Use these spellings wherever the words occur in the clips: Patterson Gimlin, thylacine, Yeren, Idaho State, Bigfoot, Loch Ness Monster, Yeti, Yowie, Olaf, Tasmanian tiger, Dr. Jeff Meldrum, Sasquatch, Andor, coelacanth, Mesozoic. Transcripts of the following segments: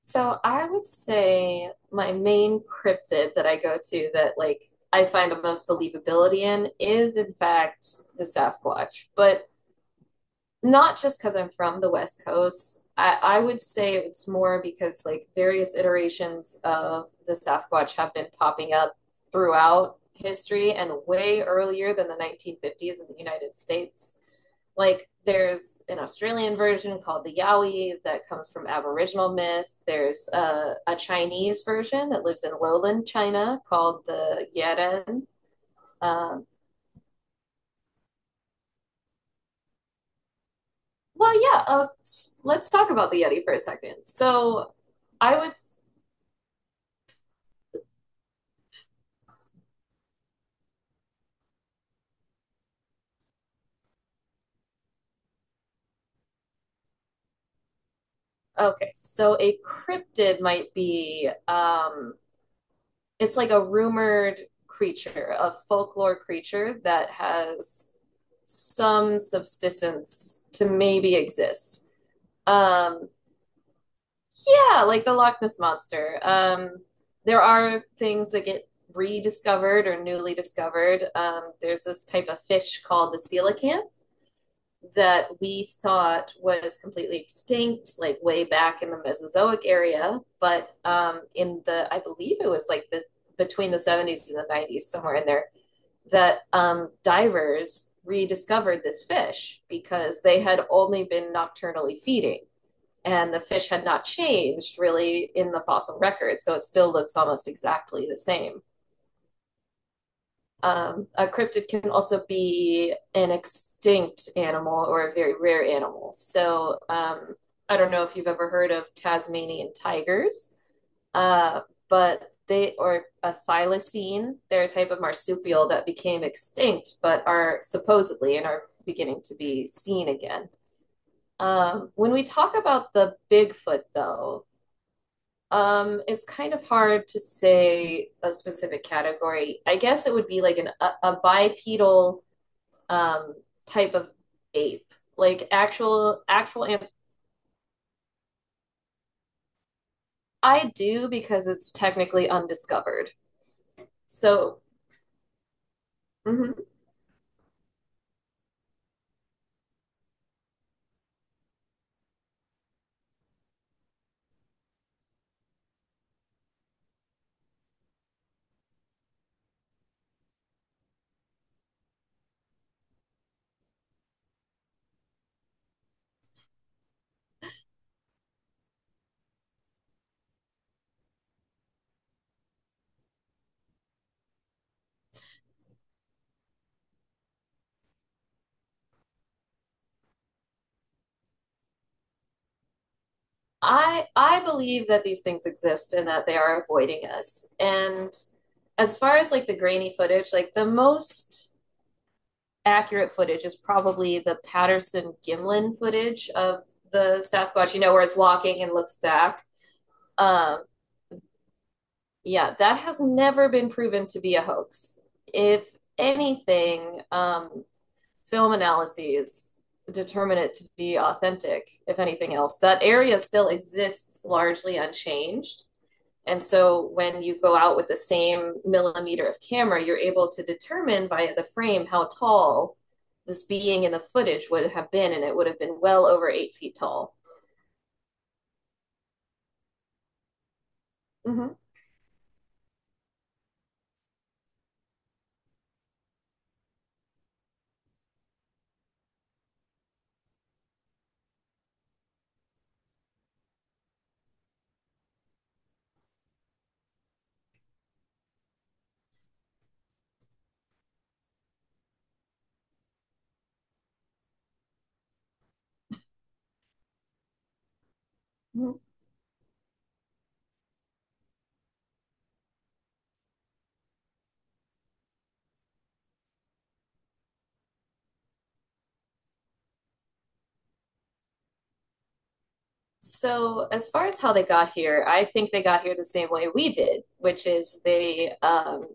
So I would say my main cryptid that I go to that like I find the most believability in is in fact the Sasquatch. But not just because I'm from the West Coast. I would say it's more because like various iterations of the Sasquatch have been popping up throughout history and way earlier than the 1950s in the United States. Like there's an Australian version called the Yowie that comes from Aboriginal myth. There's a Chinese version that lives in lowland China called the Yeren. Um, Well, yeah, let's talk about the Yeti for a second. So, I would, okay, so a cryptid might be, it's like a rumored creature, a folklore creature that has some subsistence to maybe exist. Um, yeah, like the Loch Ness Monster. There are things that get rediscovered or newly discovered. There's this type of fish called the coelacanth that we thought was completely extinct, like way back in the Mesozoic area. But in I believe it was like the between the 70s and the 90s, somewhere in there, that divers rediscovered this fish because they had only been nocturnally feeding and the fish had not changed really in the fossil record. So it still looks almost exactly the same. A cryptid can also be an extinct animal or a very rare animal. So I don't know if you've ever heard of Tasmanian tigers, uh, but they or a thylacine. They're a type of marsupial that became extinct, but are supposedly and are beginning to be seen again. When we talk about the Bigfoot, though, it's kind of hard to say a specific category. I guess it would be like a bipedal um, type of ape, like actual anth- I do because it's technically undiscovered. So mhm. I believe that these things exist and that they are avoiding us. And as far as like the grainy footage, like the most accurate footage is probably the Patterson Gimlin footage of the Sasquatch, you know, where it's walking and looks back. Um, yeah, that has never been proven to be a hoax. If anything, film analyses determine it to be authentic, if anything else. That area still exists largely unchanged. And so when you go out with the same millimeter of camera, you're able to determine via the frame how tall this being in the footage would have been, and it would have been well over 8 feet tall. Mm-hmm. Mm-hmm. So, as far as how they got here, I think they got here the same way we did, which is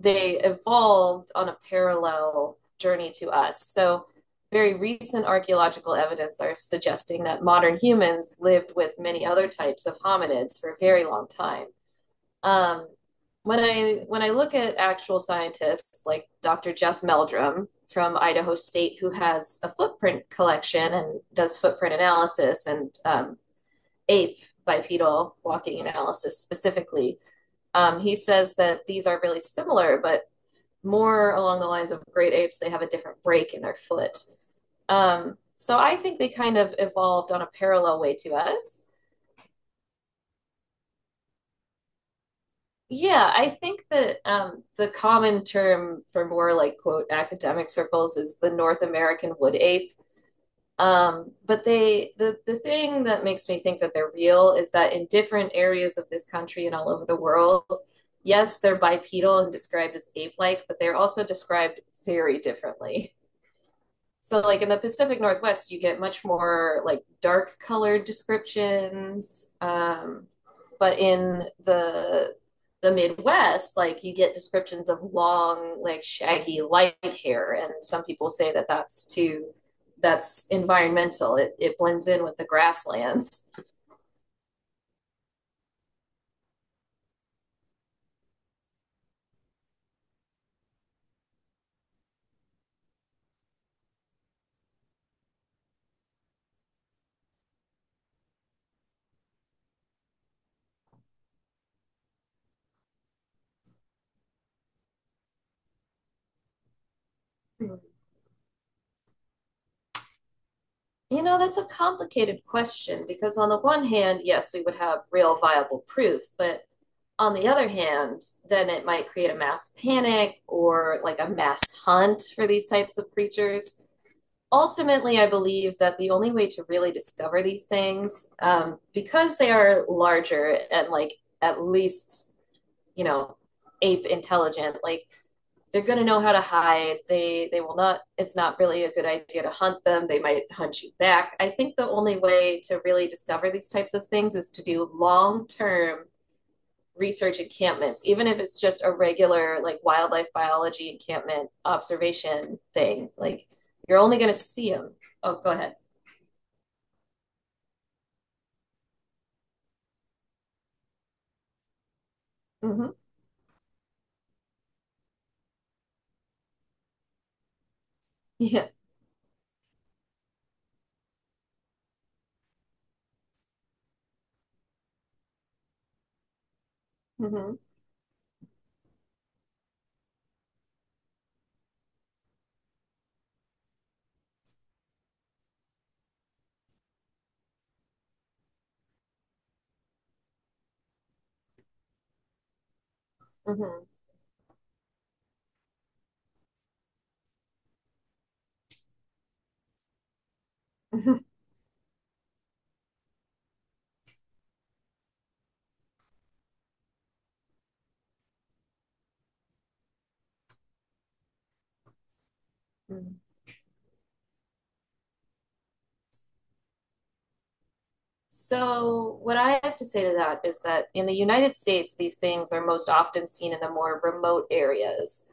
they evolved on a parallel journey to us. So, very recent archaeological evidence are suggesting that modern humans lived with many other types of hominids for a very long time. Um, when I look at actual scientists like Dr. Jeff Meldrum from Idaho State, who has a footprint collection and does footprint analysis and ape bipedal walking analysis specifically, he says that these are really similar, but more along the lines of great apes, they have a different break in their foot. So I think they kind of evolved on a parallel way to us. Yeah, I think that the common term for more like quote academic circles is the North American wood ape. But the thing that makes me think that they're real is that in different areas of this country and all over the world, yes, they're bipedal and described as ape-like, but they're also described very differently. So, like in the Pacific Northwest, you get much more like dark colored descriptions. But in the Midwest, like you get descriptions of long, like shaggy light hair, and some people say that that's environmental. It blends in with the grasslands. Hmm. You know, that's a complicated question because, on the one hand, yes, we would have real viable proof, but on the other hand, then it might create a mass panic or like a mass hunt for these types of creatures. Ultimately, I believe that the only way to really discover these things, because they are larger and like at least, you know, ape intelligent, like they're going to know how to hide, they will not, it's not really a good idea to hunt them, they might hunt you back. I think the only way to really discover these types of things is to do long term research encampments, even if it's just a regular like wildlife biology encampment observation thing, like you're only going to see them, oh go ahead, mm-hmm. Yeah, mm-hmm. Mm-hmm. So, what I have to say to that is that in the United States, these things are most often seen in the more remote areas.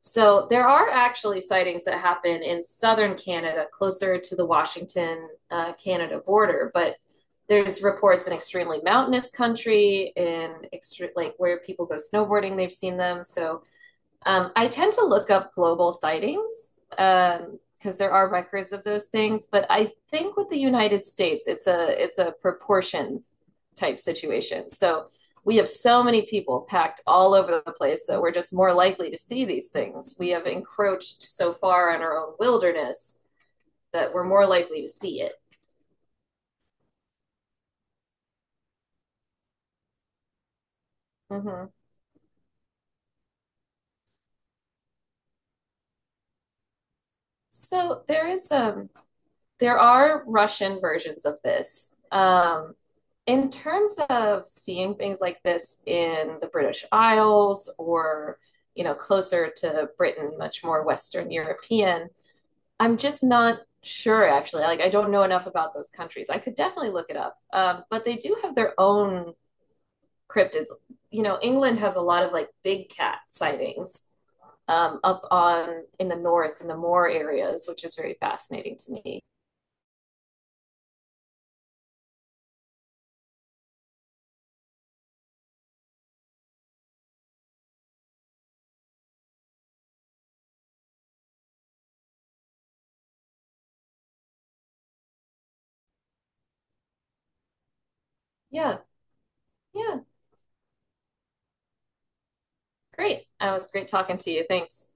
So, there are actually sightings that happen in southern Canada, closer to the Washington, Canada border, but there's reports in extremely mountainous country in extre- like where people go snowboarding, they've seen them. So I tend to look up global sightings because there are records of those things. But I think with the United States, it's a proportion type situation. So we have so many people packed all over the place that we're just more likely to see these things. We have encroached so far on our own wilderness that we're more likely to see it. Mm-hmm. So there is there are Russian versions of this. In terms of seeing things like this in the British Isles or, you know, closer to Britain, much more Western European, I'm just not sure actually. Like, I don't know enough about those countries. I could definitely look it up. But they do have their own cryptids. You know, England has a lot of like big cat sightings up on in the north in the moor areas, which is very fascinating to me. Yeah, yeah. Great. Oh, it's great talking to you. Thanks.